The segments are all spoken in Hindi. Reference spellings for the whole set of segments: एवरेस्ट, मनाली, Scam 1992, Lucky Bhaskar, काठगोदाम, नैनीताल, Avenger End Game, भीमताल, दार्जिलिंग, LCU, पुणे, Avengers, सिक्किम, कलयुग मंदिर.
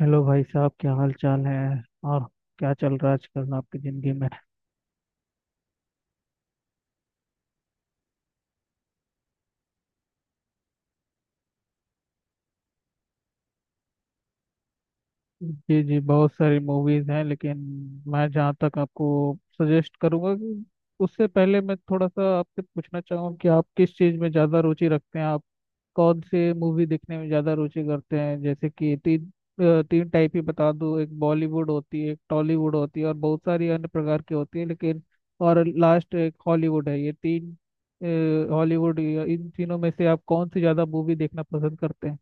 हेलो भाई साहब, क्या हाल चाल है और क्या चल रहा है आजकल आपकी ज़िंदगी में। जी जी, बहुत सारी मूवीज़ हैं लेकिन मैं जहाँ तक आपको सजेस्ट करूँगा कि उससे पहले मैं थोड़ा सा आपसे पूछना चाहूँगा कि आप किस चीज़ में ज़्यादा रुचि रखते हैं, कौन से मूवी देखने में ज्यादा रुचि करते हैं। जैसे कि तीन तीन टाइप ही बता दूं, एक बॉलीवुड होती है, एक टॉलीवुड होती है और बहुत सारी अन्य प्रकार की होती है लेकिन, और लास्ट एक हॉलीवुड है। ये तीन हॉलीवुड, इन तीनों में से आप कौन सी ज्यादा मूवी देखना पसंद करते हैं।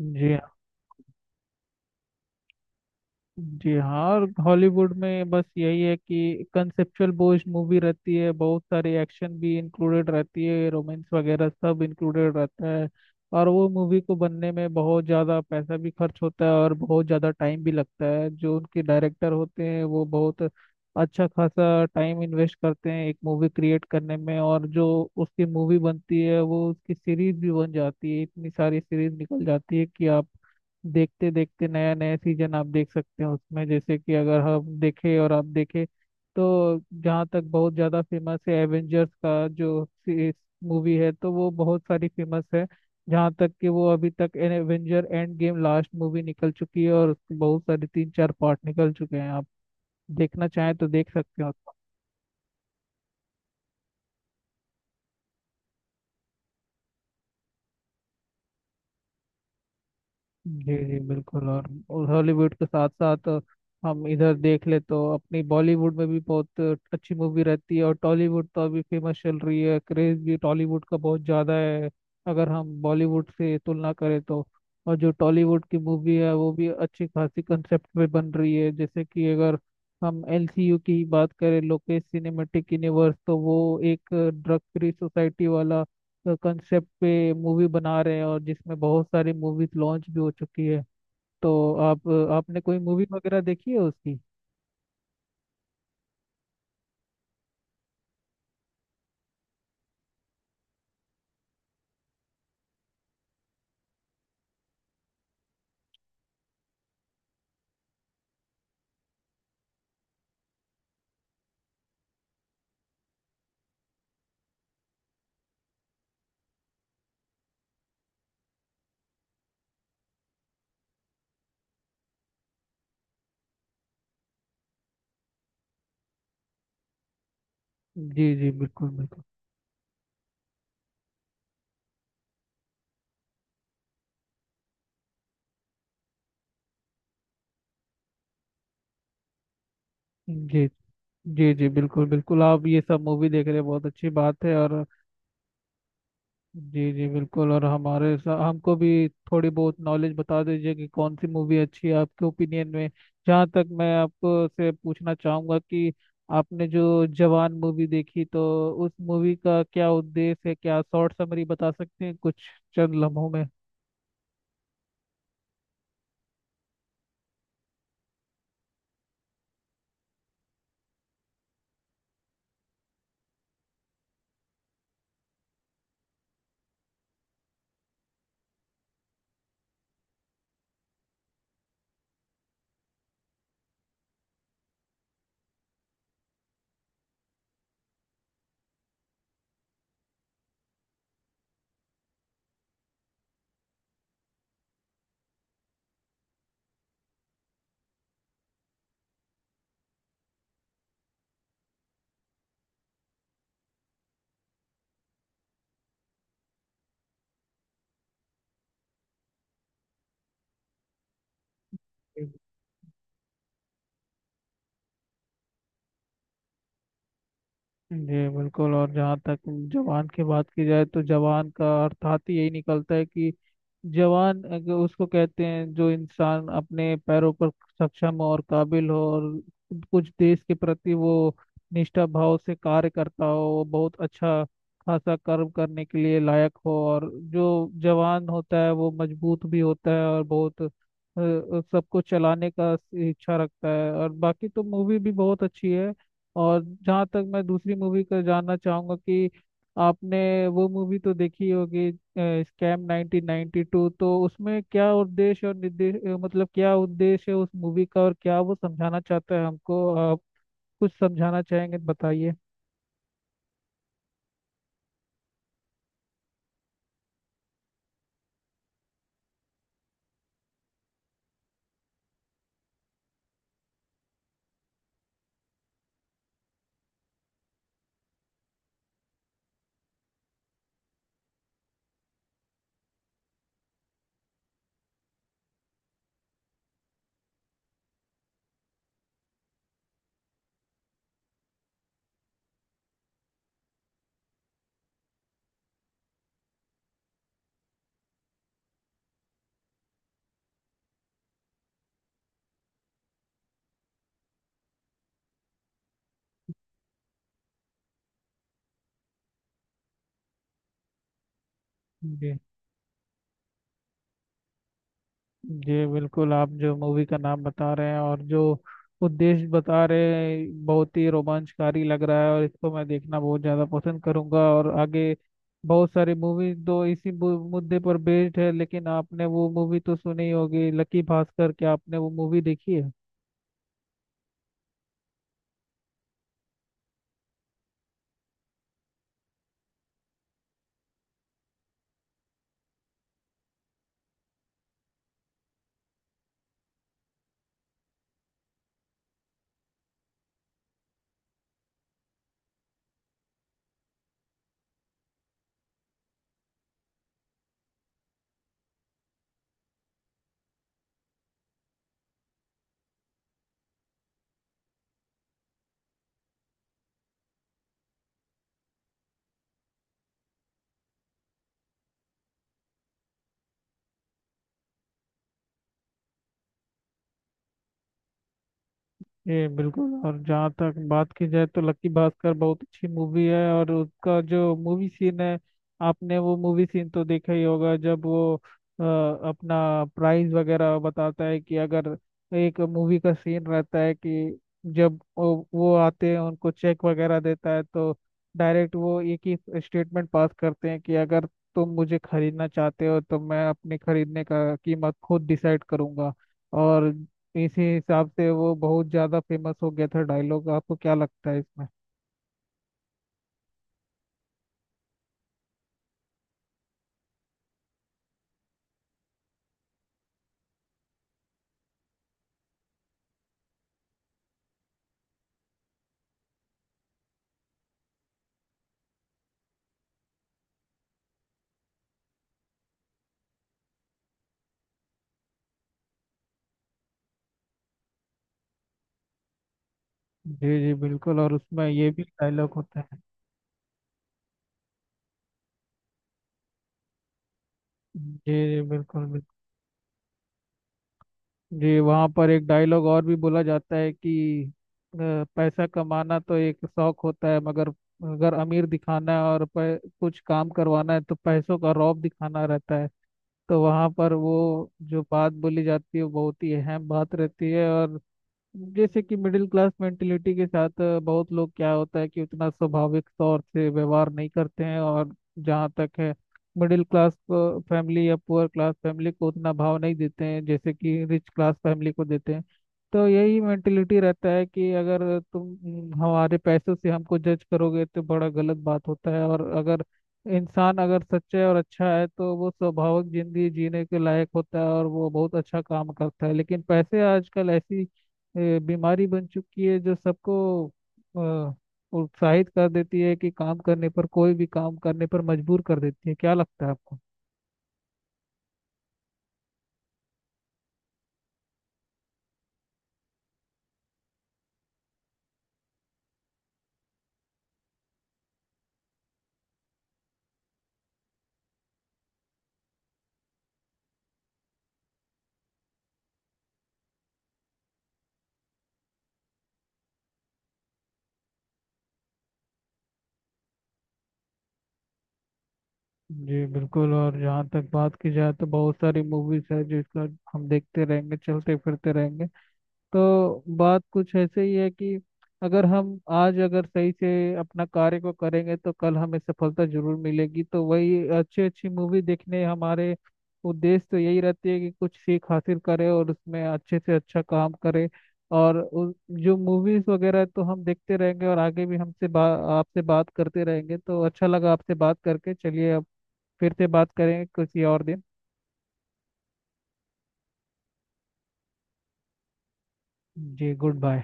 जी, जी हाँ। और हॉलीवुड में बस यही है कि कंसेप्चुअल बेस्ड मूवी रहती है, बहुत सारी एक्शन भी इंक्लूडेड रहती है, रोमांस वगैरह सब इंक्लूडेड रहता है। और वो मूवी को बनने में बहुत ज़्यादा पैसा भी खर्च होता है और बहुत ज़्यादा टाइम भी लगता है। जो उनके डायरेक्टर होते हैं वो बहुत अच्छा खासा टाइम इन्वेस्ट करते हैं एक मूवी क्रिएट करने में। और जो उसकी मूवी बनती है वो उसकी सीरीज भी बन जाती है, इतनी सारी सीरीज निकल जाती है कि आप देखते देखते नया नया सीजन आप देख सकते हो उसमें। जैसे कि अगर हम देखें और आप देखें तो जहाँ तक बहुत ज़्यादा फेमस है एवेंजर्स का जो मूवी है तो वो बहुत सारी फेमस है। जहाँ तक कि वो अभी तक Avenger end game last movie निकल चुकी है और उसके बहुत सारे तीन चार पार्ट निकल चुके हैं, आप देखना चाहें तो देख सकते हो। जी जी बिल्कुल। और हॉलीवुड के साथ साथ हम इधर देख ले तो अपनी बॉलीवुड में भी बहुत अच्छी मूवी रहती है, और टॉलीवुड तो अभी फेमस चल रही है, क्रेज भी टॉलीवुड का बहुत ज़्यादा है अगर हम बॉलीवुड से तुलना करें तो। और जो टॉलीवुड की मूवी है वो भी अच्छी खासी कंसेप्ट पे बन रही है। जैसे कि अगर हम एलसीयू की ही बात करें, लोकेश सिनेमेटिक यूनिवर्स, तो वो एक ड्रग फ्री सोसाइटी वाला कंसेप्ट पे मूवी बना रहे हैं और जिसमें बहुत सारी मूवीज लॉन्च भी हो चुकी है। तो आप, आपने कोई मूवी वगैरह देखी है उसकी। जी जी बिल्कुल बिल्कुल। जी, जी जी बिल्कुल बिल्कुल, आप ये सब मूवी देख रहे हैं बहुत अच्छी बात है। और जी जी बिल्कुल, और हमारे सा, हमको भी थोड़ी बहुत नॉलेज बता दीजिए कि कौन सी मूवी अच्छी है आपके ओपिनियन में। जहाँ तक मैं आपको से पूछना चाहूँगा कि आपने जो जवान मूवी देखी तो उस मूवी का क्या उद्देश्य है, क्या शॉर्ट समरी बता सकते हैं कुछ चंद लम्हों में। जी बिल्कुल। और जहाँ तक जवान की बात की जाए तो जवान का अर्थात ही यही निकलता है कि जवान अगर उसको कहते हैं जो इंसान अपने पैरों पर सक्षम हो और काबिल हो और कुछ देश के प्रति वो निष्ठा भाव से कार्य करता हो, वो बहुत अच्छा खासा कर्म करने के लिए लायक हो। और जो जवान होता है वो मजबूत भी होता है और बहुत सबको चलाने का इच्छा रखता है। और बाकी तो मूवी भी बहुत अच्छी है। और जहाँ तक मैं दूसरी मूवी का जानना चाहूंगा कि आपने वो मूवी तो देखी होगी स्कैम 1992, तो उसमें क्या उद्देश्य और निर्देश मतलब क्या उद्देश्य है उस मूवी का और क्या वो समझाना चाहता है हमको। आप कुछ समझाना चाहेंगे तो बताइए। जी जी बिल्कुल, आप जो मूवी का नाम बता रहे हैं और जो उद्देश्य बता रहे हैं बहुत ही रोमांचकारी लग रहा है और इसको मैं देखना बहुत ज़्यादा पसंद करूंगा। और आगे बहुत सारी मूवी तो इसी मुद्दे पर बेस्ड है, लेकिन आपने वो मूवी तो सुनी होगी लकी भास्कर, क्या आपने वो मूवी देखी है। ये बिल्कुल। और जहाँ तक बात की जाए तो लक्की भास्कर बहुत अच्छी मूवी है और उसका जो मूवी सीन है, आपने वो मूवी सीन तो देखा ही होगा जब वो अ, अपना प्राइस वगैरह बताता है कि अगर, एक मूवी का सीन रहता है कि जब वो आते हैं उनको चेक वगैरह देता है तो डायरेक्ट वो एक ही स्टेटमेंट पास करते हैं कि अगर तुम मुझे खरीदना चाहते हो तो मैं अपने खरीदने का कीमत खुद डिसाइड करूंगा। और इसी हिसाब से वो बहुत ज़्यादा फेमस हो गया था डायलॉग। आपको क्या लगता है इसमें। जी जी बिल्कुल, और उसमें ये भी डायलॉग होते हैं। जी जी बिल्कुल बिल्कुल। जी, वहाँ पर एक डायलॉग और भी बोला जाता है कि अ, पैसा कमाना तो एक शौक होता है, मगर अगर अमीर दिखाना है और पै, कुछ काम करवाना है तो पैसों का रौब दिखाना रहता है। तो वहाँ पर वो जो बात बोली जाती है वो बहुत ही अहम बात रहती है। और जैसे कि मिडिल क्लास मेंटेलिटी के साथ बहुत लोग क्या होता है कि उतना स्वाभाविक तौर से व्यवहार नहीं करते हैं। और जहाँ तक है, मिडिल क्लास फैमिली या पुअर क्लास फैमिली को उतना भाव नहीं देते हैं जैसे कि रिच क्लास फैमिली को देते हैं। तो यही मेंटेलिटी रहता है कि अगर तुम हमारे पैसों से हमको जज करोगे तो बड़ा गलत बात होता है। और अगर इंसान अगर सच्चा है और अच्छा है तो वो स्वाभाविक जिंदगी जीने के लायक होता है और वो बहुत अच्छा काम करता है। लेकिन पैसे आजकल ऐसी ये बीमारी बन चुकी है जो सबको अ, उत्साहित कर देती है कि काम करने पर, कोई भी काम करने पर मजबूर कर देती है। क्या लगता है आपको। जी बिल्कुल। और जहाँ तक बात की जाए तो बहुत सारी मूवीज है जिसका हम देखते रहेंगे, चलते फिरते रहेंगे। तो बात कुछ ऐसे ही है कि अगर हम आज अगर सही से अपना कार्य को करेंगे तो कल हमें सफलता जरूर मिलेगी। तो वही अच्छी अच्छी मूवी देखने हमारे उद्देश्य तो यही रहती है कि कुछ सीख हासिल करें और उसमें अच्छे से अच्छा काम करें। और जो मूवीज वगैरह है, तो हम देखते रहेंगे और आगे भी आपसे बात करते रहेंगे। तो अच्छा लगा आपसे बात करके, चलिए अब फिर से बात करेंगे किसी और दिन। जी, गुड बाय।